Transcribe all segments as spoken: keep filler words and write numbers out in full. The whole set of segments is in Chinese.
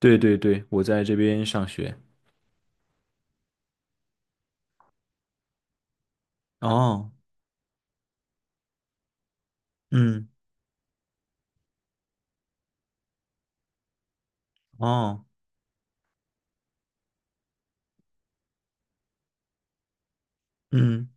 对对对，我在这边上学。哦，嗯，哦，嗯，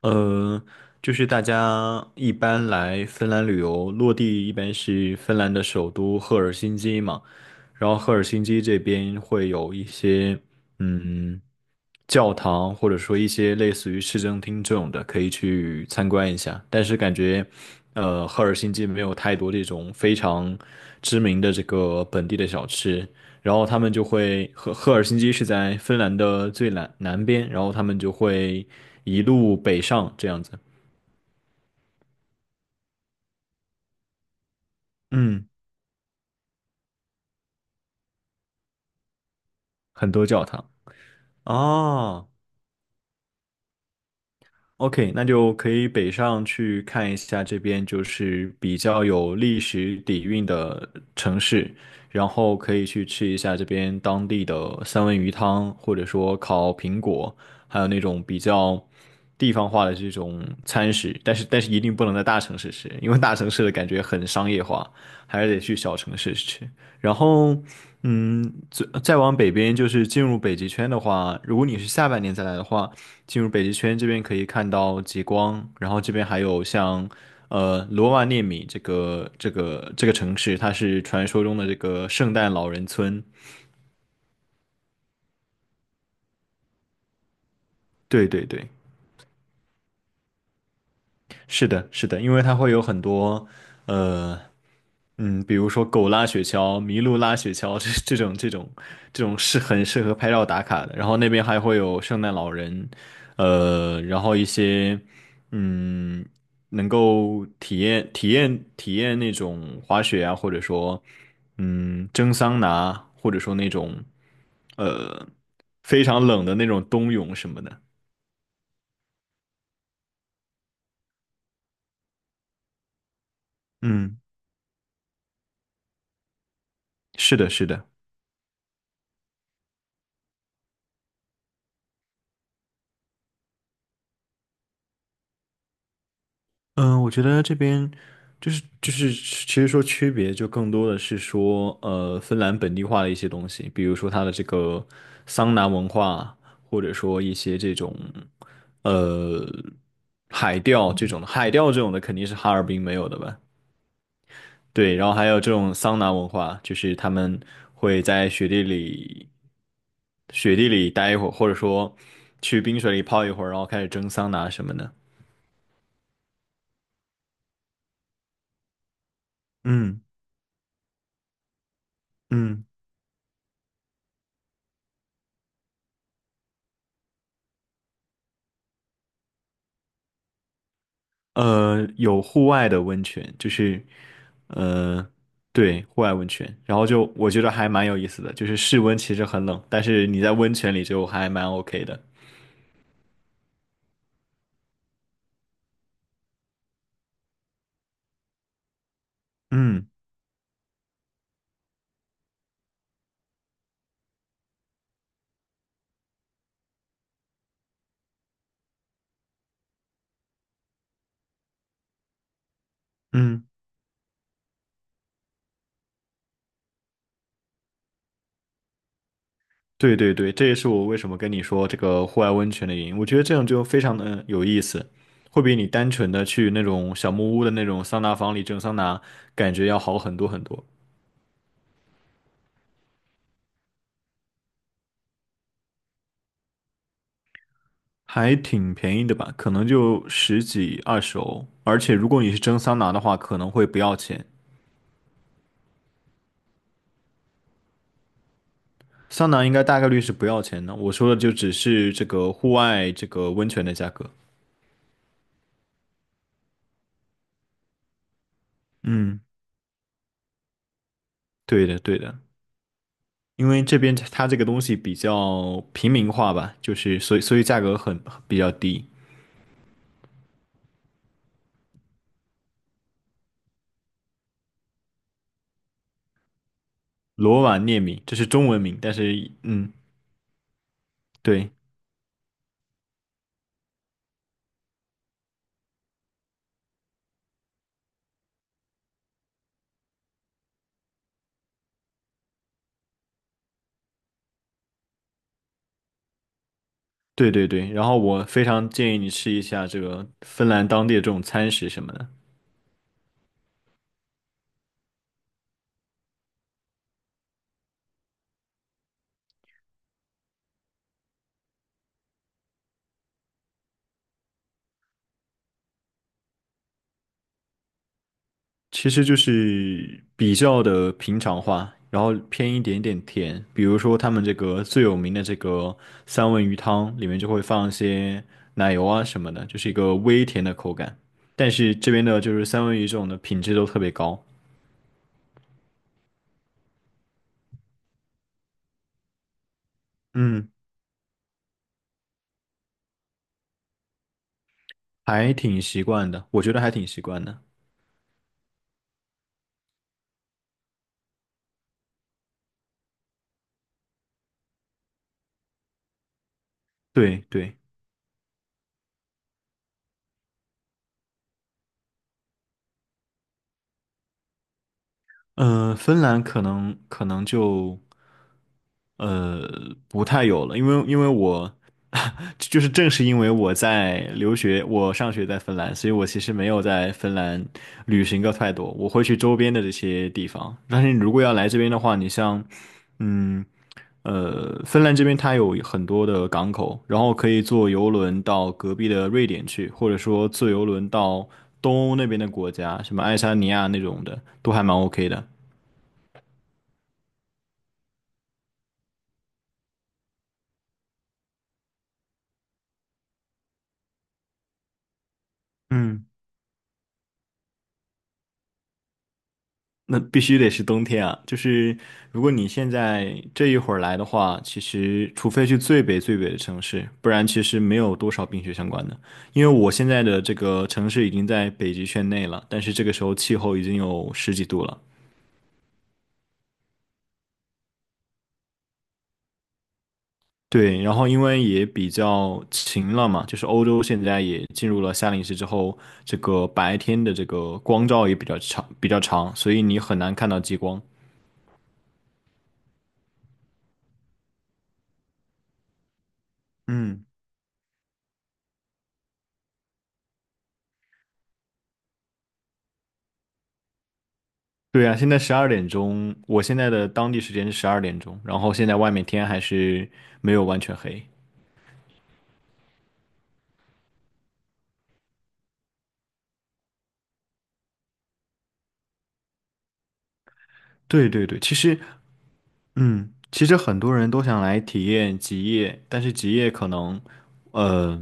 呃，就是大家一般来芬兰旅游，落地一般是芬兰的首都赫尔辛基嘛，然后赫尔辛基这边会有一些嗯教堂，或者说一些类似于市政厅这种的，可以去参观一下。但是感觉，呃，赫尔辛基没有太多这种非常知名的这个本地的小吃。然后他们就会赫赫尔辛基是在芬兰的最南南边，然后他们就会一路北上这样子。嗯，很多教堂啊，OK,那就可以北上去看一下这边就是比较有历史底蕴的城市，然后可以去吃一下这边当地的三文鱼汤，或者说烤苹果，还有那种比较地方化的这种餐食。但是但是一定不能在大城市吃，因为大城市的感觉很商业化，还是得去小城市吃。然后，嗯，再再往北边就是进入北极圈的话，如果你是下半年再来的话。进入北极圈这边可以看到极光，然后这边还有像呃罗瓦涅米这个这个这个城市，它是传说中的这个圣诞老人村。对对对，是的，是的，因为它会有很多呃嗯，比如说狗拉雪橇、麋鹿拉雪橇这这种这种这种是很适合拍照打卡的。然后那边还会有圣诞老人，呃，然后一些嗯，能够体验体验体验那种滑雪啊，或者说嗯蒸桑拿，或者说那种呃非常冷的那种冬泳什么的。嗯，是的，是的。嗯，我觉得这边就是就是，其实说区别就更多的是说，呃，芬兰本地化的一些东西，比如说它的这个桑拿文化，或者说一些这种，呃，海钓这种的，海钓这种的肯定是哈尔滨没有的吧？对，然后还有这种桑拿文化，就是他们会在雪地里雪地里待一会儿，或者说去冰水里泡一会儿，然后开始蒸桑拿什么的。嗯嗯。呃，有户外的温泉，就是，呃，对，户外温泉，然后就我觉得还蛮有意思的，就是室温其实很冷，但是你在温泉里就还蛮 OK 的。嗯嗯，对对对，这也是我为什么跟你说这个户外温泉的原因。我觉得这样就非常的有意思，会比你单纯的去那种小木屋的那种桑拿房里蒸桑拿，感觉要好很多很多，还挺便宜的吧？可能就十几二十欧，而且如果你是蒸桑拿的话，可能会不要钱。桑拿应该大概率是不要钱的，我说的就只是这个户外这个温泉的价格。嗯对的，对的，因为这边它这个东西比较平民化吧，就是所以所以价格很比较低。罗瓦涅米，这是中文名，但是嗯，对对对对。然后我非常建议你吃一下这个芬兰当地的这种餐食什么的，其实就是比较的平常化，然后偏一点点甜。比如说他们这个最有名的这个三文鱼汤，里面就会放一些奶油啊什么的，就是一个微甜的口感。但是这边的就是三文鱼这种的品质都特别高，嗯，还挺习惯的，我觉得还挺习惯的。对对，嗯，芬兰可能可能就。呃，不太有了，因为因为我 就是正是因为我在留学，我上学在芬兰，所以我其实没有在芬兰旅行过太多，我会去周边的这些地方。但是你如果要来这边的话，你像，嗯呃，芬兰这边它有很多的港口，然后可以坐游轮到隔壁的瑞典去，或者说坐游轮到东欧那边的国家，什么爱沙尼亚那种的，都还蛮 OK 的。嗯。那必须得是冬天啊！就是如果你现在这一会儿来的话，其实除非去最北最北的城市，不然其实没有多少冰雪相关的。因为我现在的这个城市已经在北极圈内了，但是这个时候气候已经有十几度了。对，然后因为也比较晴了嘛，就是欧洲现在也进入了夏令时之后，这个白天的这个光照也比较长，比较长，所以你很难看到极光。嗯。对啊，现在十二点钟，我现在的当地时间是十二点钟，然后现在外面天还是没有完全黑。对对对，其实，嗯，其实很多人都想来体验极夜，但是极夜可能，呃，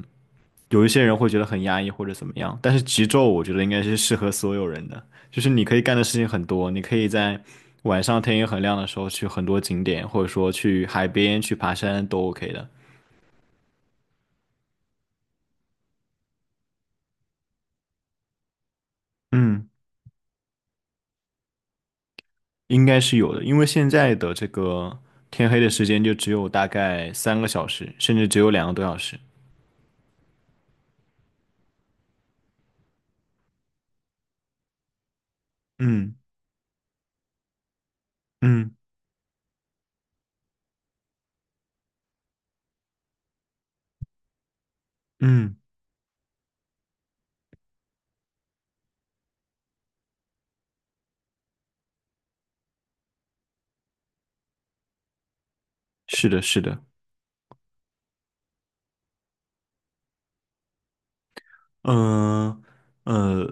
有一些人会觉得很压抑或者怎么样，但是极昼我觉得应该是适合所有人的，就是你可以干的事情很多，你可以在晚上天也很亮的时候去很多景点，或者说去海边去爬山都 OK 的。嗯。应该是有的，因为现在的这个天黑的时间就只有大概三个小时，甚至只有两个多小时。嗯嗯嗯，是的，是的，嗯呃，呃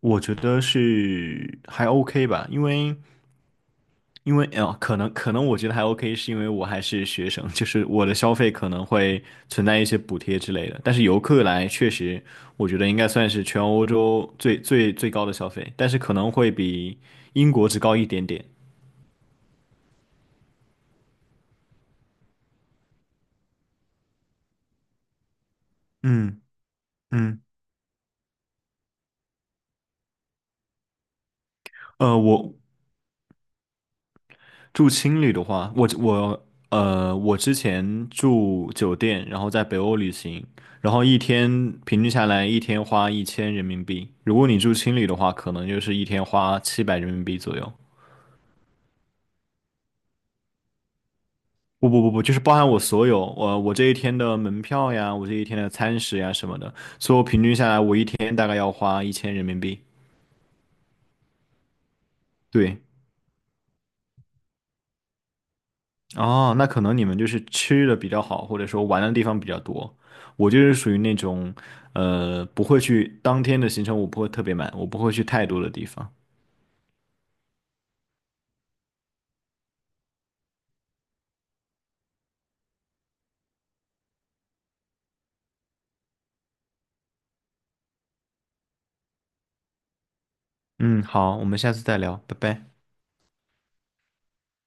我觉得是还 OK 吧，因为因为啊、呃可能可能我觉得还 OK,是因为我还是学生，就是我的消费可能会存在一些补贴之类的，但是游客来确实，我觉得应该算是全欧洲最最最高的消费，但是可能会比英国只高一点点。嗯嗯，呃，我住青旅的话，我我呃，我之前住酒店，然后在北欧旅行，然后一天平均下来一天花一千人民币。如果你住青旅的话，可能就是一天花七百人民币左右。不不不不，就是包含我所有，我我这一天的门票呀，我这一天的餐食呀什么的，所以我平均下来我一天大概要花一千人民币。对。哦，那可能你们就是吃的比较好，或者说玩的地方比较多。我就是属于那种，呃，不会去当天的行程，我不会特别满，我不会去太多的地方。嗯，好，我们下次再聊，拜拜。